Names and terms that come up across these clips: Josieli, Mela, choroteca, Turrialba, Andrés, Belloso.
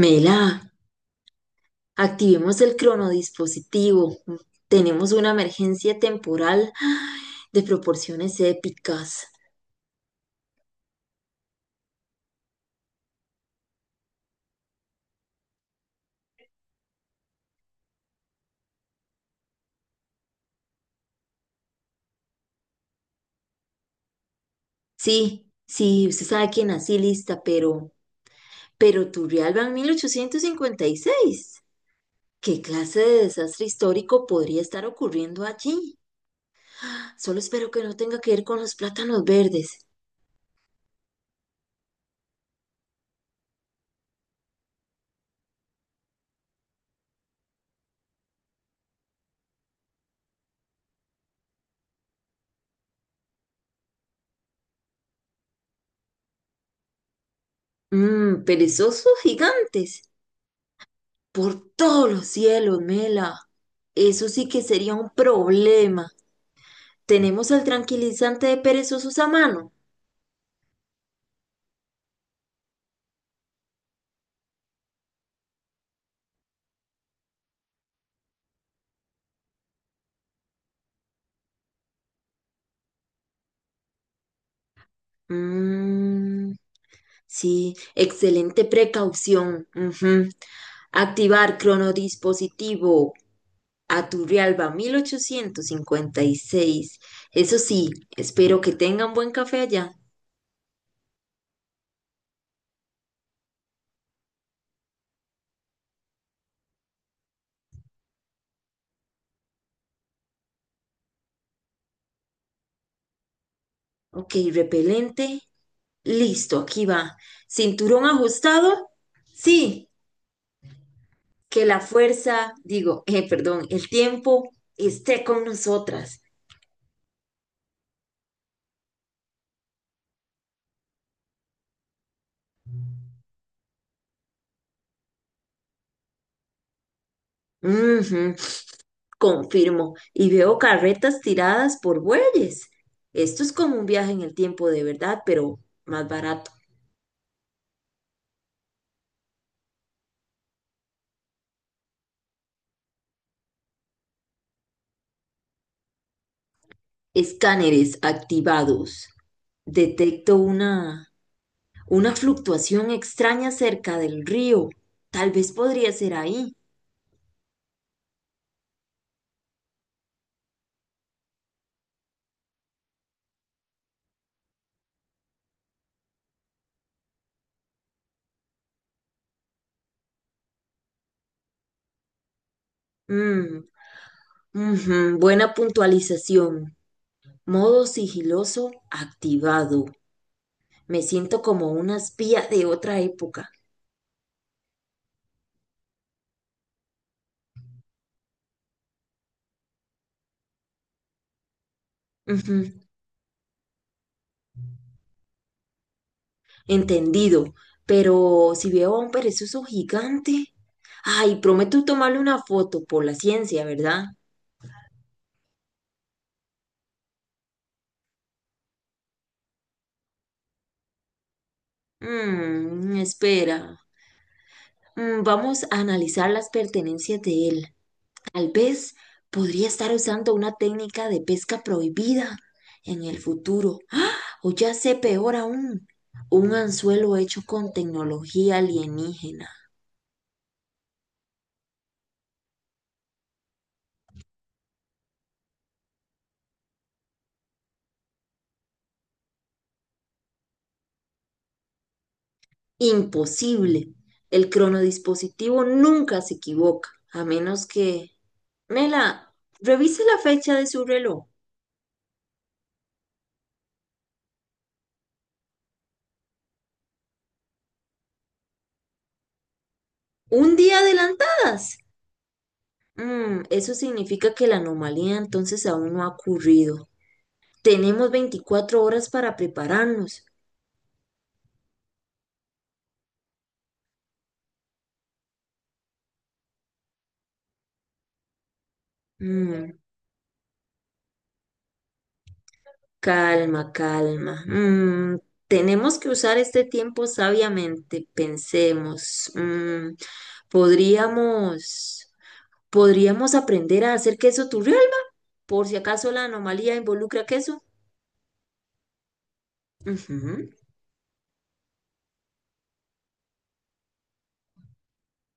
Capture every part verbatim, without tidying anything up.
Mela, activemos el cronodispositivo. Tenemos una emergencia temporal de proporciones épicas. Sí, sí, usted sabe que nací lista, pero, pero Turrialba en mil ochocientos cincuenta y seis. ¿Qué clase de desastre histórico podría estar ocurriendo allí? Solo espero que no tenga que ver con los plátanos verdes. Mmm, perezosos gigantes. Por todos los cielos, Mela. Eso sí que sería un problema. ¿Tenemos el tranquilizante de perezosos a mano? Mm, sí, excelente precaución. Ujú. Activar cronodispositivo. Aturrialba mil ochocientos cincuenta y seis. Eso sí, espero que tengan buen café allá. Ok, repelente. Listo, aquí va. Cinturón ajustado. Sí, que la fuerza, digo, eh, perdón, el tiempo esté con nosotras. Ujú. Confirmo, y veo carretas tiradas por bueyes. Esto es como un viaje en el tiempo de verdad, pero más barato. Escáneres activados. Detecto una, una fluctuación extraña cerca del río. Tal vez podría ser ahí. Mm, ujú, buena puntualización. Modo sigiloso activado. Me siento como una espía de otra época. Entendido, pero si veo a un perezoso gigante, ay, prometo tomarle una foto por la ciencia, ¿verdad? Mm, espera. Mm, vamos a analizar las pertenencias de él. Tal vez podría estar usando una técnica de pesca prohibida en el futuro, o ya sé peor aún, un anzuelo hecho con tecnología alienígena. Imposible. El cronodispositivo nunca se equivoca, a menos que... Mela, revise la fecha de su reloj. Un día adelantadas. Mm, eso significa que la anomalía entonces aún no ha ocurrido. Tenemos veinticuatro horas para prepararnos. Mm, Calma, calma. Mm, tenemos que usar este tiempo sabiamente. Pensemos. Mm, podríamos, podríamos aprender a hacer queso turrial. Por si acaso la anomalía involucra queso. Ujú,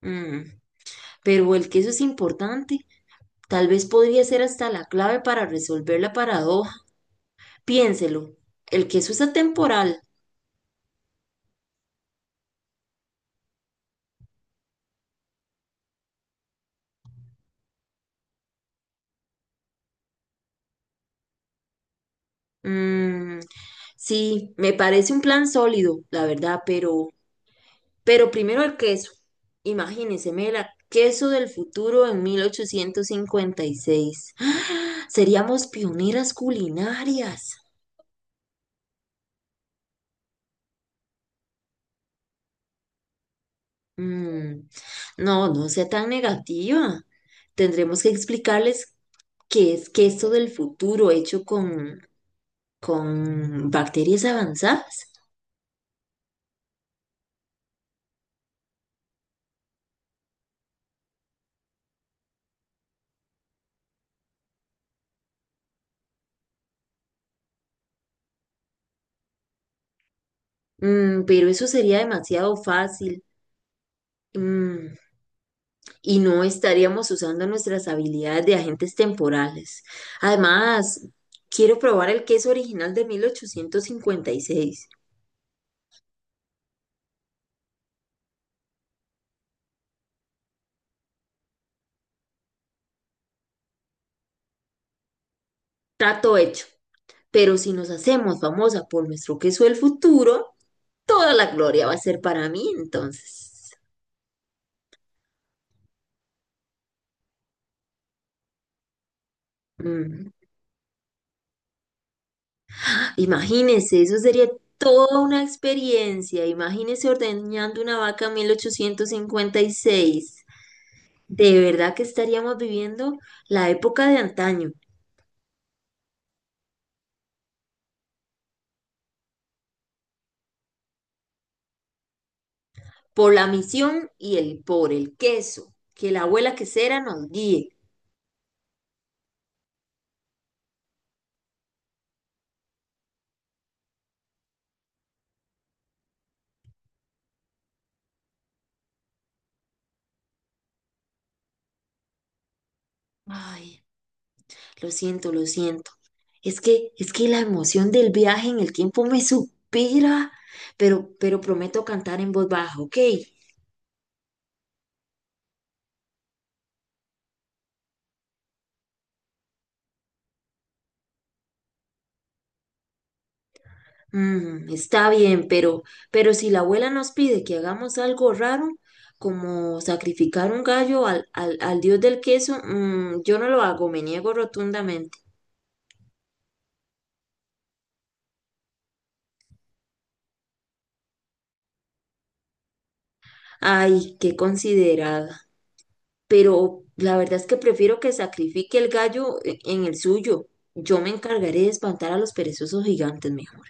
mm. Pero el queso es importante. Tal vez podría ser hasta la clave para resolver la paradoja. Piénselo. El queso es atemporal. Mm, sí, me parece un plan sólido, la verdad, pero, pero, primero el queso. Imagínense, Mela, queso del futuro en mil ochocientos cincuenta y seis. ¡Ah! Seríamos pioneras culinarias. Mm, no, no sea tan negativa. Tendremos que explicarles qué es que esto del futuro hecho con, con bacterias avanzadas. Mm, pero eso sería demasiado fácil. Mm, y no estaríamos usando nuestras habilidades de agentes temporales. Además, quiero probar el queso original de mil ochocientos cincuenta y seis. Trato hecho. Pero si nos hacemos famosa por nuestro queso del futuro, toda la gloria va a ser para mí, entonces. Mm. Imagínese, eso sería toda una experiencia. Imagínese ordeñando una vaca en mil ochocientos cincuenta y seis. De verdad que estaríamos viviendo la época de antaño, por la misión y el por el queso. Que la abuela quesera nos guíe. Ay, lo siento, lo siento. Es que, es que la emoción del viaje en el tiempo me supera, pero, pero prometo cantar en voz baja, ¿ok? Mm, está bien, pero, pero si la abuela nos pide que hagamos algo raro, como sacrificar un gallo al, al, al dios del queso, mm, yo no lo hago, me niego rotundamente. Ay, qué considerada. Pero la verdad es que prefiero que sacrifique el gallo e- en el suyo. Yo me encargaré de espantar a los perezosos gigantes, mejor.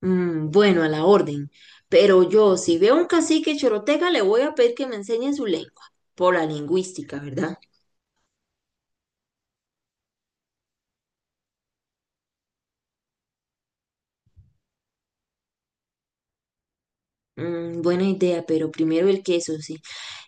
Mm, bueno, a la orden. Pero yo, si veo un cacique choroteca, le voy a pedir que me enseñe su lengua, por la lingüística, ¿verdad? Mm, buena idea, pero primero el queso, sí.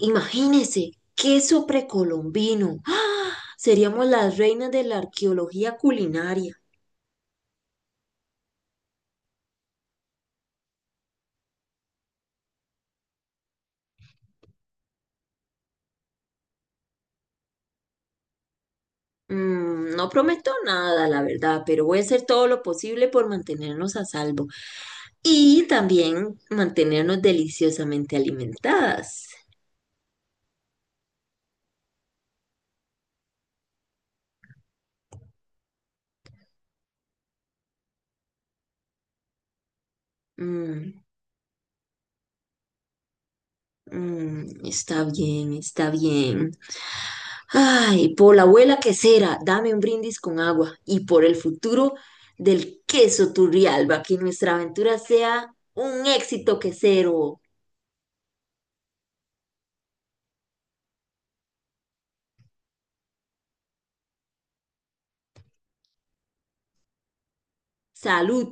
Imagínese, queso precolombino. ¡Ah! Seríamos las reinas de la arqueología culinaria. Mm, no prometo nada, la verdad, pero voy a hacer todo lo posible por mantenernos a salvo y también mantenernos deliciosamente alimentadas. Mm, mm, está bien, está bien. Ay, por la abuela quesera, dame un brindis con agua y por el futuro del queso Turrialba, que nuestra aventura sea un éxito quesero. Salud.